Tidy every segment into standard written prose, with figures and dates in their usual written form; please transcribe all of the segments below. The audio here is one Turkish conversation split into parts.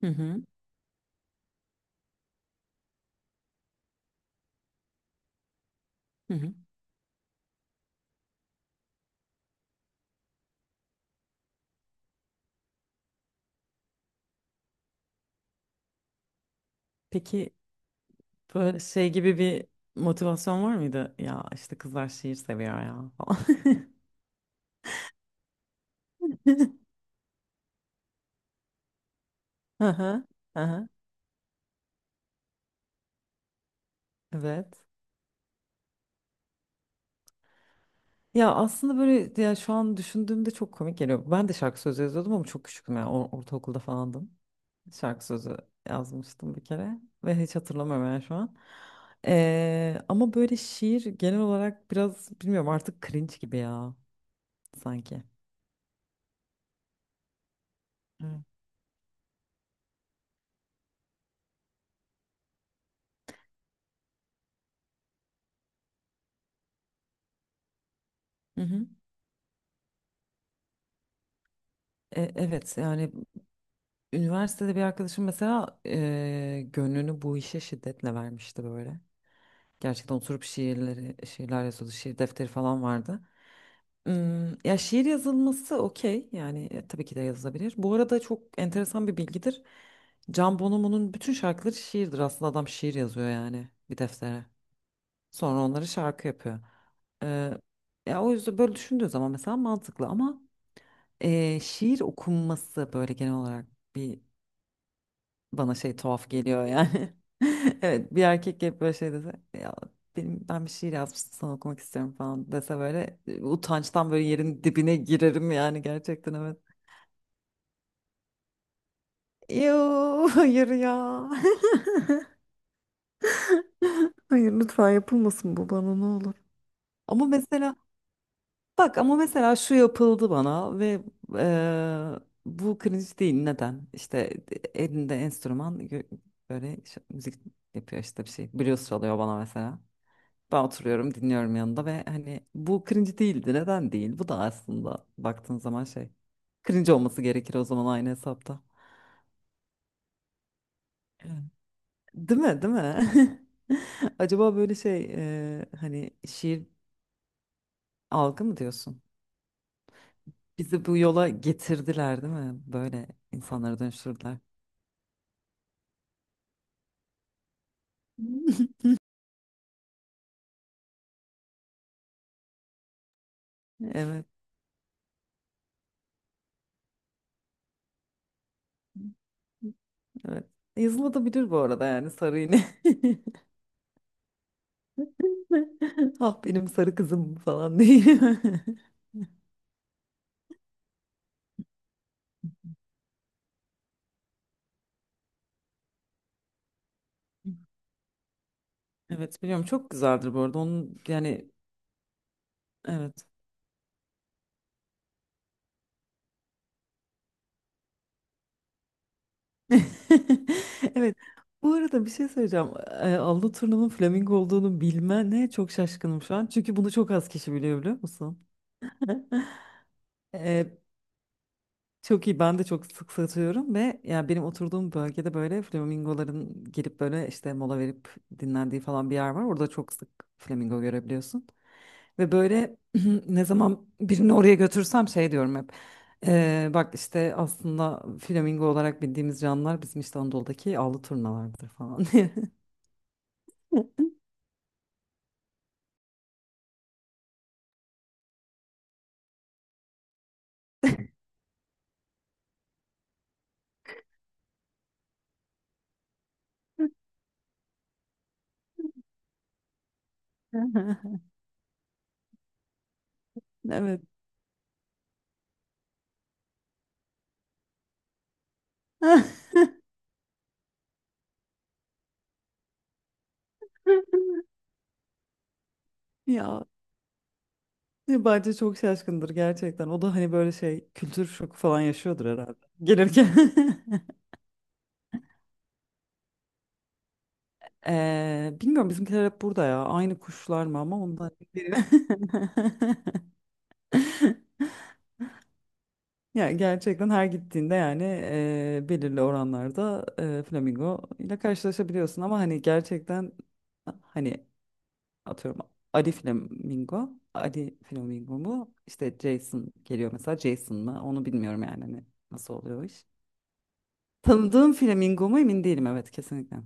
Hı hı, hı hı. Peki böyle şey gibi bir motivasyon var mıydı? Ya işte kızlar şiir seviyor ya falan. Hı hı, hı hı. Evet. Ya aslında böyle ya şu an düşündüğümde çok komik geliyor. Ben de şarkı sözü yazıyordum ama çok küçüktüm ya. Ortaokulda falandım. Şarkı sözü yazmıştım bir kere ve hiç hatırlamıyorum yani şu an. Ama böyle şiir genel olarak biraz bilmiyorum artık cringe gibi ya sanki. Evet. Hı hı. Evet yani üniversitede bir arkadaşım mesela gönlünü bu işe şiddetle vermişti böyle. Gerçekten oturup şiirler yazıyordu. Şiir defteri falan vardı. Hmm, ya şiir yazılması okey. Yani tabii ki de yazılabilir. Bu arada çok enteresan bir bilgidir. Can Bonomo'nun bütün şarkıları şiirdir. Aslında adam şiir yazıyor yani bir deftere. Sonra onları şarkı yapıyor. Eee, Ya o yüzden böyle düşündüğü zaman mesela mantıklı ama şiir okunması böyle genel olarak bir bana şey tuhaf geliyor yani. Evet, bir erkek gelip böyle şey dese ya ben bir şiir yazmıştım sana okumak istiyorum falan dese böyle utançtan böyle yerin dibine girerim yani gerçekten, evet. Yoo hayır ya. Hayır, lütfen yapılmasın bu bana, ne olur. Ama mesela bak, ama mesela şu yapıldı bana ve eee, bu cringe değil, neden? İşte elinde enstrüman müzik yapıyor işte bir şey. Blues çalıyor bana mesela. Ben oturuyorum, dinliyorum yanında ve hani bu cringe değildi. Neden değil? Bu da aslında baktığın zaman şey. Cringe olması gerekir o zaman, aynı hesapta. Evet. Değil mi? Değil mi? Acaba böyle şey, hani şiir algı mı diyorsun? Bizi bu yola getirdiler değil mi? Böyle insanları dönüştürdüler. Evet. Evet. Yazılabilir bu arada yani, sarı iğne. Ah, benim sarı kızım falan değil. Evet, biliyorum, çok güzeldir bu arada. Onun yani, evet. Evet. Bu arada bir şey söyleyeceğim. Avlu turnunun flamingo olduğunu bilmene çok şaşkınım şu an. Çünkü bunu çok az kişi biliyor, biliyor musun? E, Çok iyi, ben de çok sık satıyorum ve yani benim oturduğum bölgede böyle flamingoların gelip böyle işte mola verip dinlendiği falan bir yer var. Orada çok sık flamingo görebiliyorsun. Ve böyle ne zaman birini oraya götürsem şey diyorum hep. Bak işte aslında flamingo olarak bildiğimiz canlılar bizim işte Anadolu'daki avlu turnalardır falan diye. Evet. Ya bence çok şaşkındır gerçekten. O da hani böyle şey, kültür şoku falan yaşıyordur herhalde. Gelirken. Bilmiyorum, bizimkiler hep burada ya. Aynı kuşlar mı ama ondan emin değilim. Ya gerçekten her gittiğinde yani belirli oranlarda flamingo ile karşılaşabiliyorsun ama hani gerçekten, hani atıyorum Ali flamingo, Ali flamingo mu? İşte Jason geliyor mesela, Jason mı? Onu bilmiyorum yani, hani nasıl oluyor o iş. Tanıdığım flamingo mu emin değilim, evet, kesinlikle.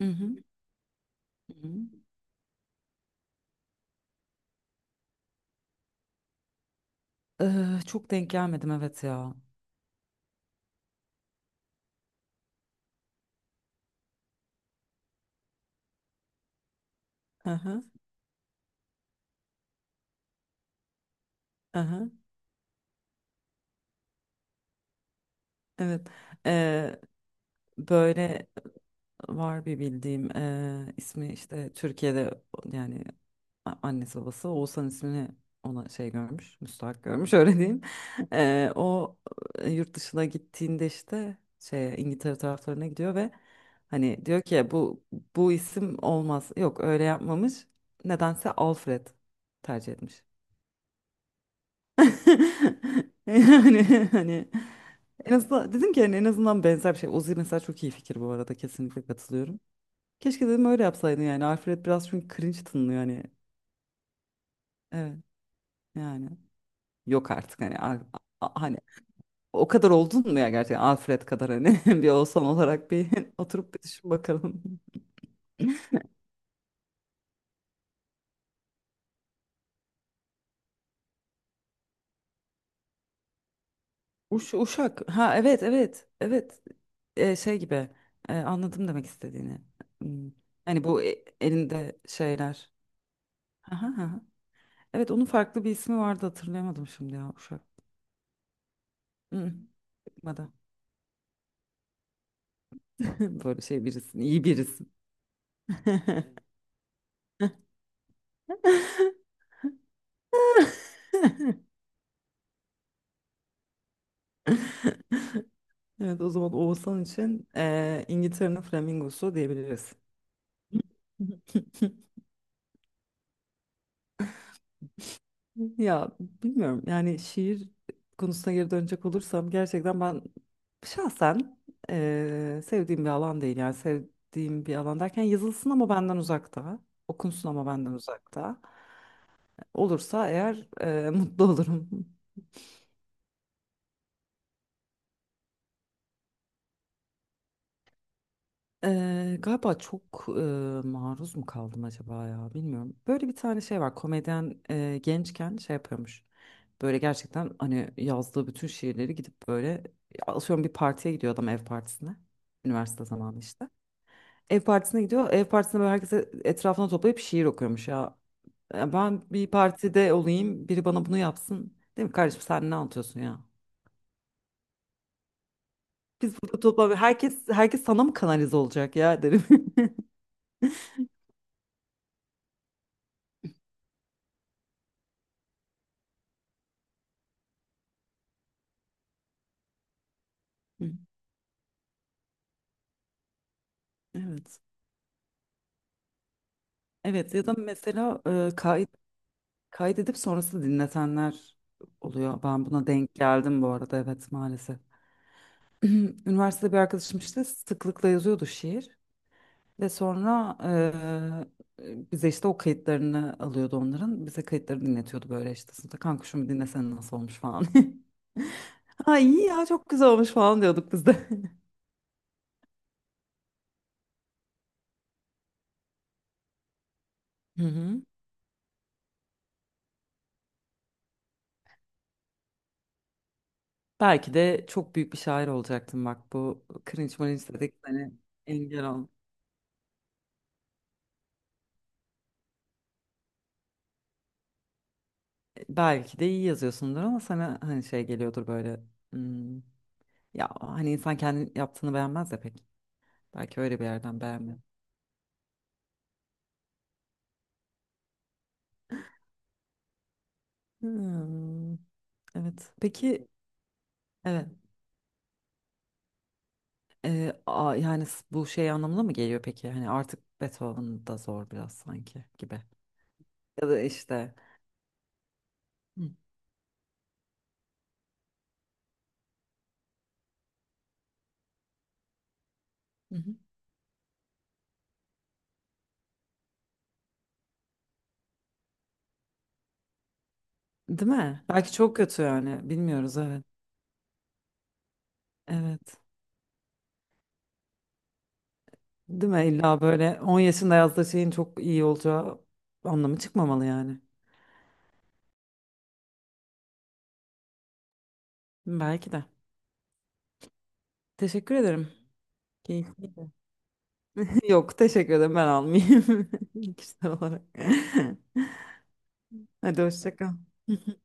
Hı hı. Hı hı. Çok denk gelmedim, evet ya. Hı hı, evet. Eee, böyle Var bir bildiğim, ismi işte Türkiye'de yani annesi babası Oğuzhan ismini ona şey görmüş, müstahak görmüş öyle diyeyim. Eee, o Yurt dışına gittiğinde işte şey, İngiltere taraflarına gidiyor ve hani diyor ki bu bu isim olmaz, yok öyle yapmamış nedense Alfred tercih etmiş. Yani hani en azından dedim ki hani en azından benzer bir şey. Uzi mesela, çok iyi fikir bu arada, kesinlikle katılıyorum. Keşke dedim öyle yapsaydın yani. Alfred biraz çünkü cringe tınlıyor hani. Evet yani. Yok artık hani. Hani o kadar oldun mu ya gerçekten Alfred kadar hani bir olsan olarak bir oturup bir düşün bakalım. Uşak. Ha evet, evet, evet. Şey gibi Anladım demek istediğini. Hmm. Hani bu elinde şeyler. Aha, aha. Evet, onun farklı bir ismi vardı, hatırlayamadım şimdi ya, uşak. Hı, hı. Çıkmadı. Böyle şey, birisin, iyi birisin. Evet, o zaman Oğuzhan için İngiltere'nin flamingosu diyebiliriz. Ya bilmiyorum yani, şiir konusuna geri dönecek olursam gerçekten ben şahsen sevdiğim bir alan değil, yani sevdiğim bir alan derken yazılsın ama benden uzakta, okunsun ama benden uzakta olursa eğer mutlu olurum. Galiba çok eee, maruz mu kaldım acaba ya, bilmiyorum. Böyle bir tane şey var, komedyen gençken şey yapıyormuş. Böyle gerçekten hani yazdığı bütün şiirleri gidip böyle, atıyorum bir partiye gidiyor adam, ev partisine. Üniversite zamanı işte. Ev partisine gidiyor. Ev partisinde böyle herkese etrafına toplayıp şiir okuyormuş ya. Ya ben bir partide olayım biri bana bunu yapsın. Değil mi kardeşim, sen ne anlatıyorsun ya? Biz burada topla, herkes sana mı kanalize olacak ya derim. Hı, evet. Evet ya da mesela, kaydedip sonrasında dinletenler oluyor. Ben buna denk geldim bu arada, evet, maalesef. Üniversitede bir arkadaşım işte sıklıkla yazıyordu şiir ve sonra bize işte o kayıtlarını alıyordu onların. Bize kayıtları dinletiyordu böyle işte sınıfta, kanka şunu bir dinlesene nasıl olmuş falan. Ha iyi ya, çok güzel olmuş falan diyorduk biz de. Hı hı. Belki de çok büyük bir şair olacaktım, bak bu cringe maringe dedik, seni engel ol. Belki de iyi yazıyorsundur ama sana hani şey geliyordur böyle. "Hmm, ya hani insan kendi yaptığını beğenmez ya pek. Belki öyle bir yerden beğenmiyor. Hmm, evet. Peki, evet. Bu şey anlamına mı geliyor peki? Hani artık Beethoven da zor biraz sanki gibi. Ya da işte. Hı, hı hı. Değil mi? Belki çok kötü yani. Bilmiyoruz, evet. Evet. Değil mi? İlla böyle 10 yaşında yazdığı şeyin çok iyi olacağı anlamı çıkmamalı yani. Belki de. Teşekkür ederim. Keyifli mi? Yok teşekkür ederim, ben almayayım kişisel olarak. Hadi hoşça kal.